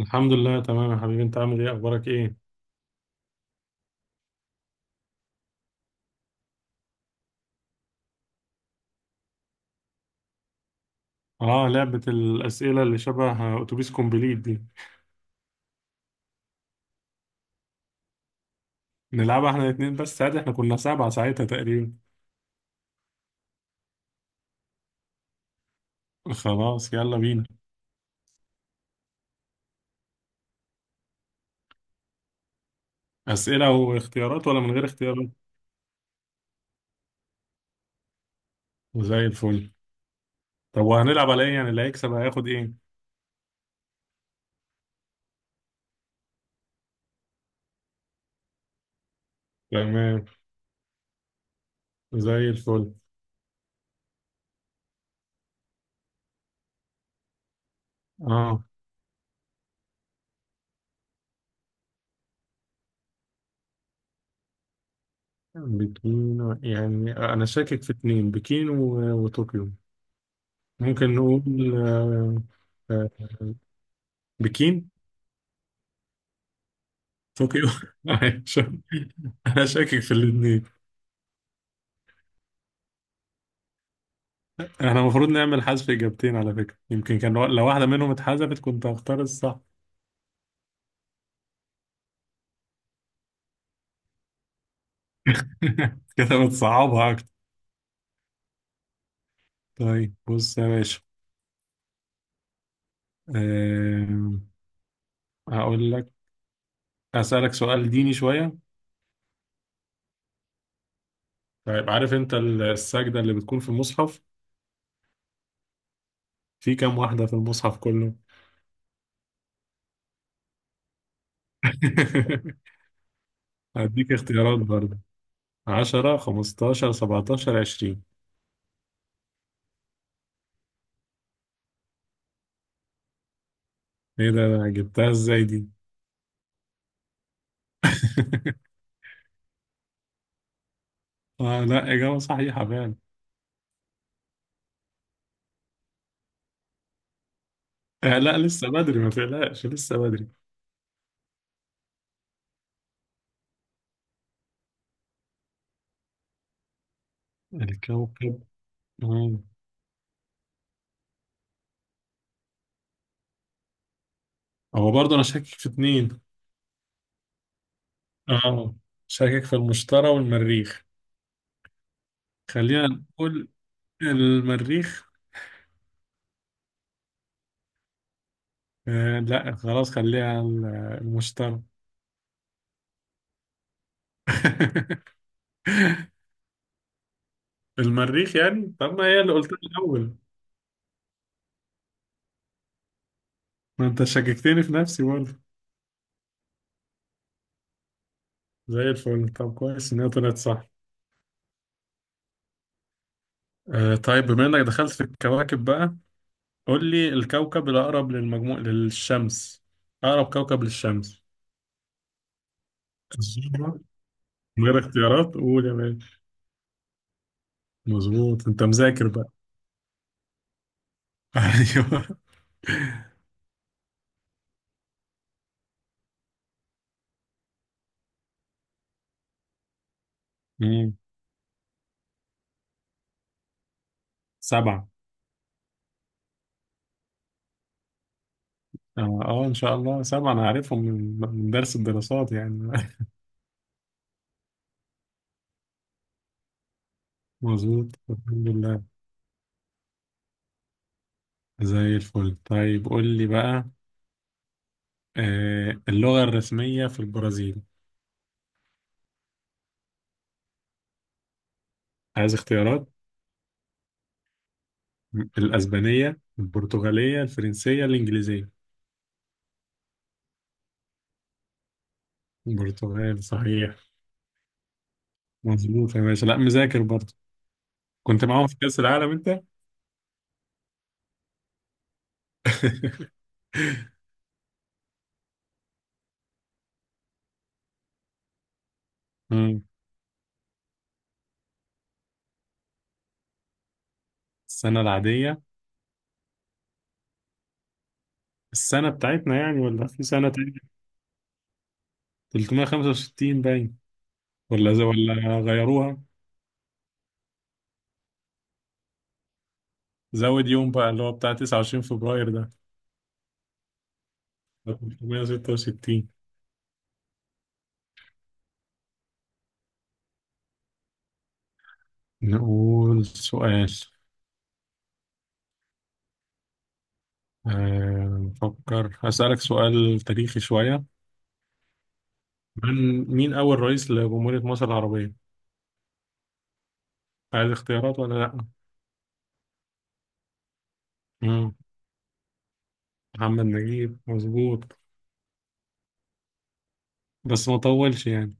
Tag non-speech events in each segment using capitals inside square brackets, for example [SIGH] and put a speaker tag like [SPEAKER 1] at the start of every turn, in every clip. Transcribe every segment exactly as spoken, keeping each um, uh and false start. [SPEAKER 1] الحمد لله تمام يا حبيبي، انت عامل ايه؟ اخبارك ايه؟ اه، لعبة الاسئلة اللي شبه اتوبيس كومبليت دي. نلعبها احنا الاتنين بس عادي، احنا كنا سبعة ساعتها تقريبا. خلاص يلا بينا. اسئلة واختيارات ولا من غير اختيارات؟ زي الفل. طب وهنلعب على ايه يعني؟ اللي هيكسب هياخد ايه؟ تمام. زي الفل. اه بكين، يعني انا شاكك في اتنين، بكين و... وطوكيو. ممكن نقول. آه. آه، بكين. طوكيو. [LAUGHS] أيوة، شا- انا شاكك في الاثنين. احنا المفروض نعمل حذف اجابتين على فكرة، يمكن كان لو واحدة منهم اتحذفت كنت هختار الصح. [LAUGHS] كده بتصعبها اكتر. طيب بص يا باشا. أم، هقول لك. اسالك سؤال ديني شوية. طيب عارف انت ال- السجدة اللي بتكون في المصحف، في كام واحدة في المصحف كله؟ [LAUGHS] هديك اختيارات برضه. عشرة خمستاشر سبعتاشر عشرين. ايه ده؟ جبتها ازاي دي؟ [LAUGHS] آه، لا إجابة صحيحة فعلا. آه، لا لسه بدري، ما تقلقش لسه بدري. الكوكب. آه. هو برضه انا شاكك في اتنين. اه شاكك في المشتري والمريخ. خلينا نقول المريخ. آه لا خلاص، خليها ال- المشتري. [LAUGHS] المريخ يعني، طب ما هي اللي قلتها الاول. ما انت شككتني في نفسي برضه. زي الفل. طب كويس ان هي طلعت صح. آه طيب، بما انك دخلت في الكواكب بقى، قول لي الكوكب الاقرب للمجموع للشمس. اقرب كوكب للشمس. الزهرة. من غير اختيارات قول يا باشا. مظبوط، انت مذاكر بقى. [LAUGHS] ايوه. مم. سبعة. اه آه، ان شاء الله سبعة، انا عارفهم من من درس الدراسات يعني. [LAUGHS] مظبوط الحمد لله. زي الفل. طيب قول لي بقى. آه، اللغة الرسمية في البرازيل. عايز اختيارات. م- الأسبانية، البرتغالية، الفرنسية، الإنجليزية. البرتغال صحيح. مظبوط يا باشا، لا مذاكر برضه. كنت معاهم في كأس العالم انت؟ [LAUGHS] مم. السنة العادية؟ السنة بتاعتنا يعني ولا في سنة تانية؟ تلتمية وخمسة وستين باين. ولا ز... ولا غيروها. زود يوم بقى، اللي هو بتاع تسعة وعشرين فبراير ده. تلتمية وستة وستين. نقول سؤال. آه، نفكر. هسألك سؤال تاريخي شوية. من مين أول رئيس لجمهورية مصر العربية؟ عايز اختيارات ولا لأ؟ مم. محمد نجيب. مظبوط بس ما طولش يعني.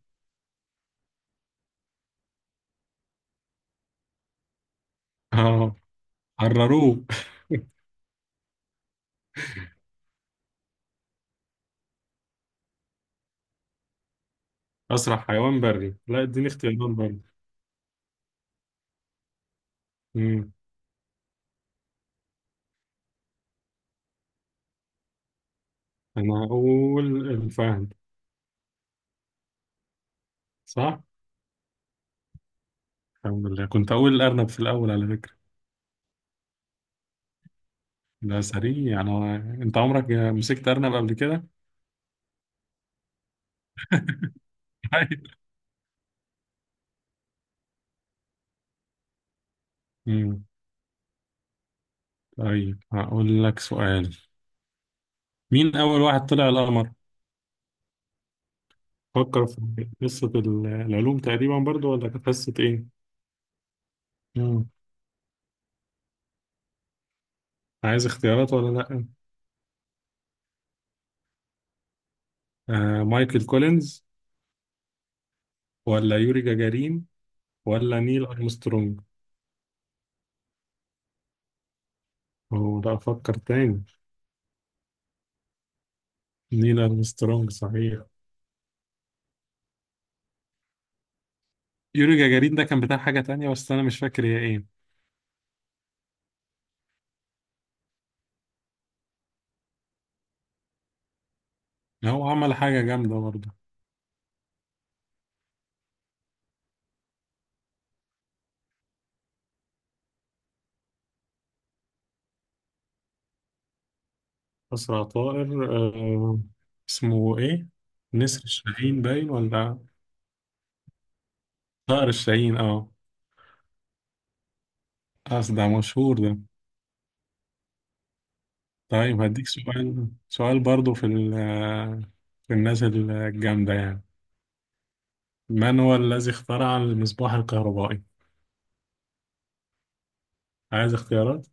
[SPEAKER 1] اه حرروه. [LAUGHS] أسرع حيوان بري؟ لا اديني اختيارات برضه. انا اقول الفهد. صح. الحمد لله، كنت اقول الارنب في الاول على فكره. ده سريع انا. انت عمرك مسكت ارنب قبل كده؟ [LAUGHS] أمم. طيب هقول لك سؤال. مين اول واحد طلع القمر؟ فكر في قصه ال- العلوم تقريبا برضو، ولا كانت قصه ايه؟ أمم. عايز اختيارات ولا لا؟ آه، مايكل كولينز، ولا يوري جاجارين، ولا نيل ارمسترونج. هو ده، افكر تاني. نيل ارمسترونج صحيح. يوري جاجارين ده كان بتاع حاجة تانية، بس أنا مش فاكر هي إيه. هو عمل حاجة جامدة برضه. أسرع طائر آه. اسمه إيه؟ نسر الشاهين باين، ولا طائر الشاهين أه. أصل ده مشهور ده. طيب هديك سؤال، سؤال برضه في ال في الناس الجامدة يعني. من هو الذي اخترع المصباح الكهربائي؟ عايز اختيارات؟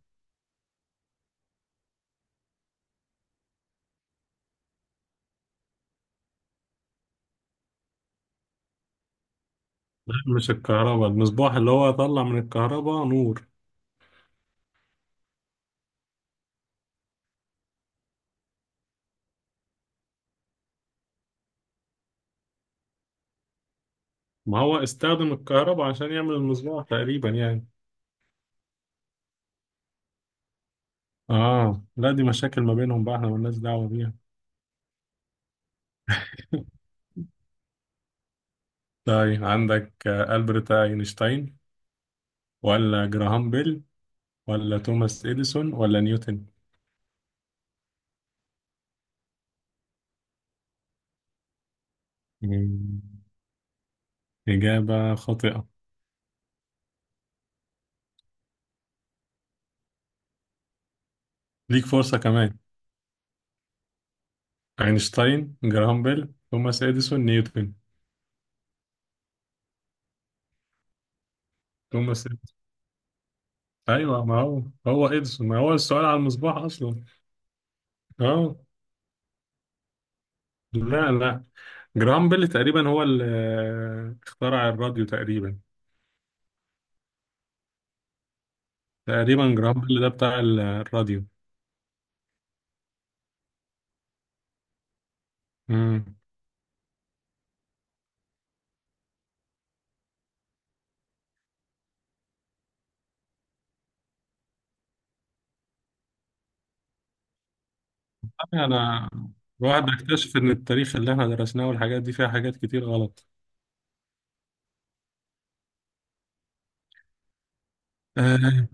[SPEAKER 1] لا مش الكهرباء، المصباح اللي هو طلع من الكهرباء نور. ما هو استخدم الكهرباء عشان يعمل المصباح تقريبا يعني. آه لا، دي مشاكل ما بينهم بقى، احنا مالناش دعوة بيها. طيب عندك آه، ألبرت أينشتاين، ولا جراهام بيل، ولا توماس إديسون، ولا نيوتن. مم. إجابة خاطئة. ليك فرصة كمان. أينشتاين، جراهام بيل، توماس إديسون، نيوتن. توماس إديسون. أيوة ما هو، هو إديسون، ما هو السؤال على المصباح أصلا. أه. لا لا، جراهام بيل تقريبا هو اللي آه، اخترع الراديو تقريبا. تقريبا جراهام بيل ده بتاع الراديو. مم. أنا. الواحد بيكتشف إن التاريخ اللي إحنا درسناه والحاجات دي فيها حاجات كتير غلط. آه.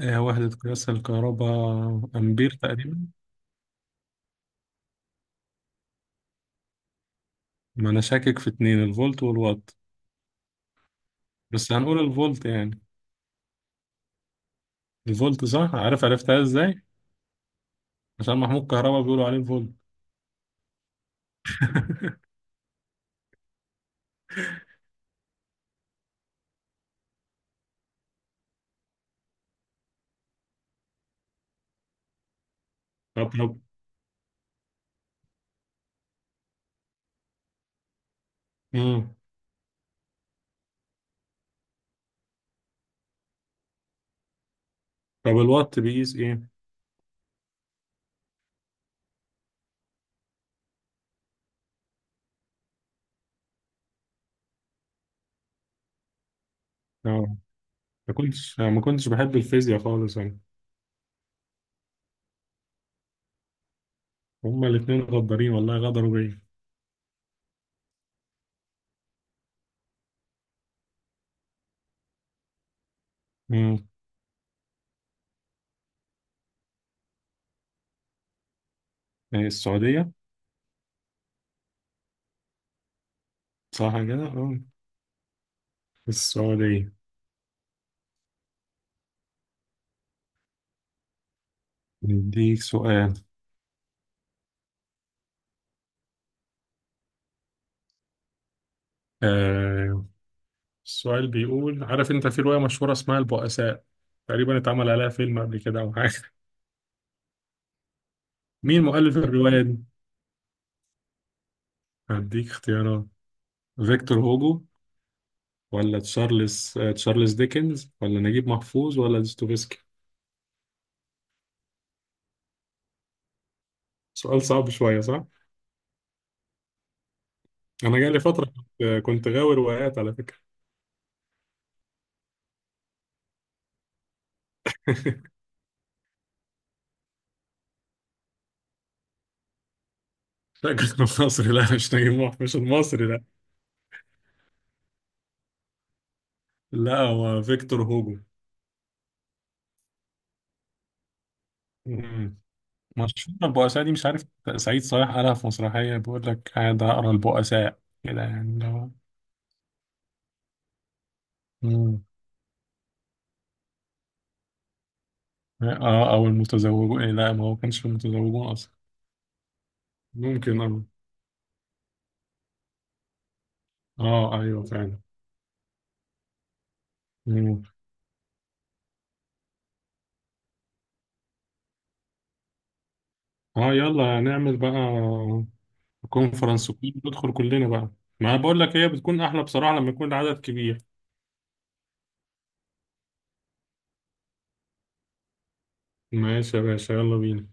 [SPEAKER 1] آه وحدة قياس الكهرباء. أمبير تقريبا. ما أنا شاكك في اتنين، الفولت والوات. بس هنقول الفولت يعني. الفولت صح. عارف عرفتها إزاي؟ عشان محمود كهربا بيقولوا عليه الفولت. [LAUGHS] طب طب. مم. طب الوات بيقيس إيه؟ آه. ما كنتش ما كنتش بحب الفيزياء خالص أنا. هما الاتنين غدارين والله، غدروا بيا. مم. آه، السعودية. صح كده آه. السعودية. نديك سؤال. آه. السؤال بيقول، عارف انت في رواية مشهورة اسمها البؤساء، تقريبا اتعمل عليها فيلم قبل كده او حاجة. [LAUGHS] مين مؤلف الرواية دي؟ هديك اختيارات. فيكتور هوجو، ولا تشارلز آه تشارلز ديكنز، ولا نجيب محفوظ، ولا دوستويفسكي. سؤال صعب شوية صح؟ أنا جالي فترة كنت كنت غاوي روايات على فكرة. [LAUGHS] لا كنت مصري، لا مش نجيب محفوظ، مش المصري لا. لا هو فيكتور هوجو. مشهور البؤساء دي، مش عارف. سعيد صالح قالها في مسرحية، بيقول لك قاعد أقرأ البؤساء كده، يعني اللي هو. مم. اه أو المتزوجون، إيه لا ما هو كانش في المتزوجون أصلا. ممكن اه. اه أيوه فعلا. مم. اه يلا نعمل بقى كونفرنس. ندخل كلنا بقى. ما أنا بقول لك هي بتكون أحلى بصراحة لما يكون العدد كبير. ماشي يا باشا، يلا بينا.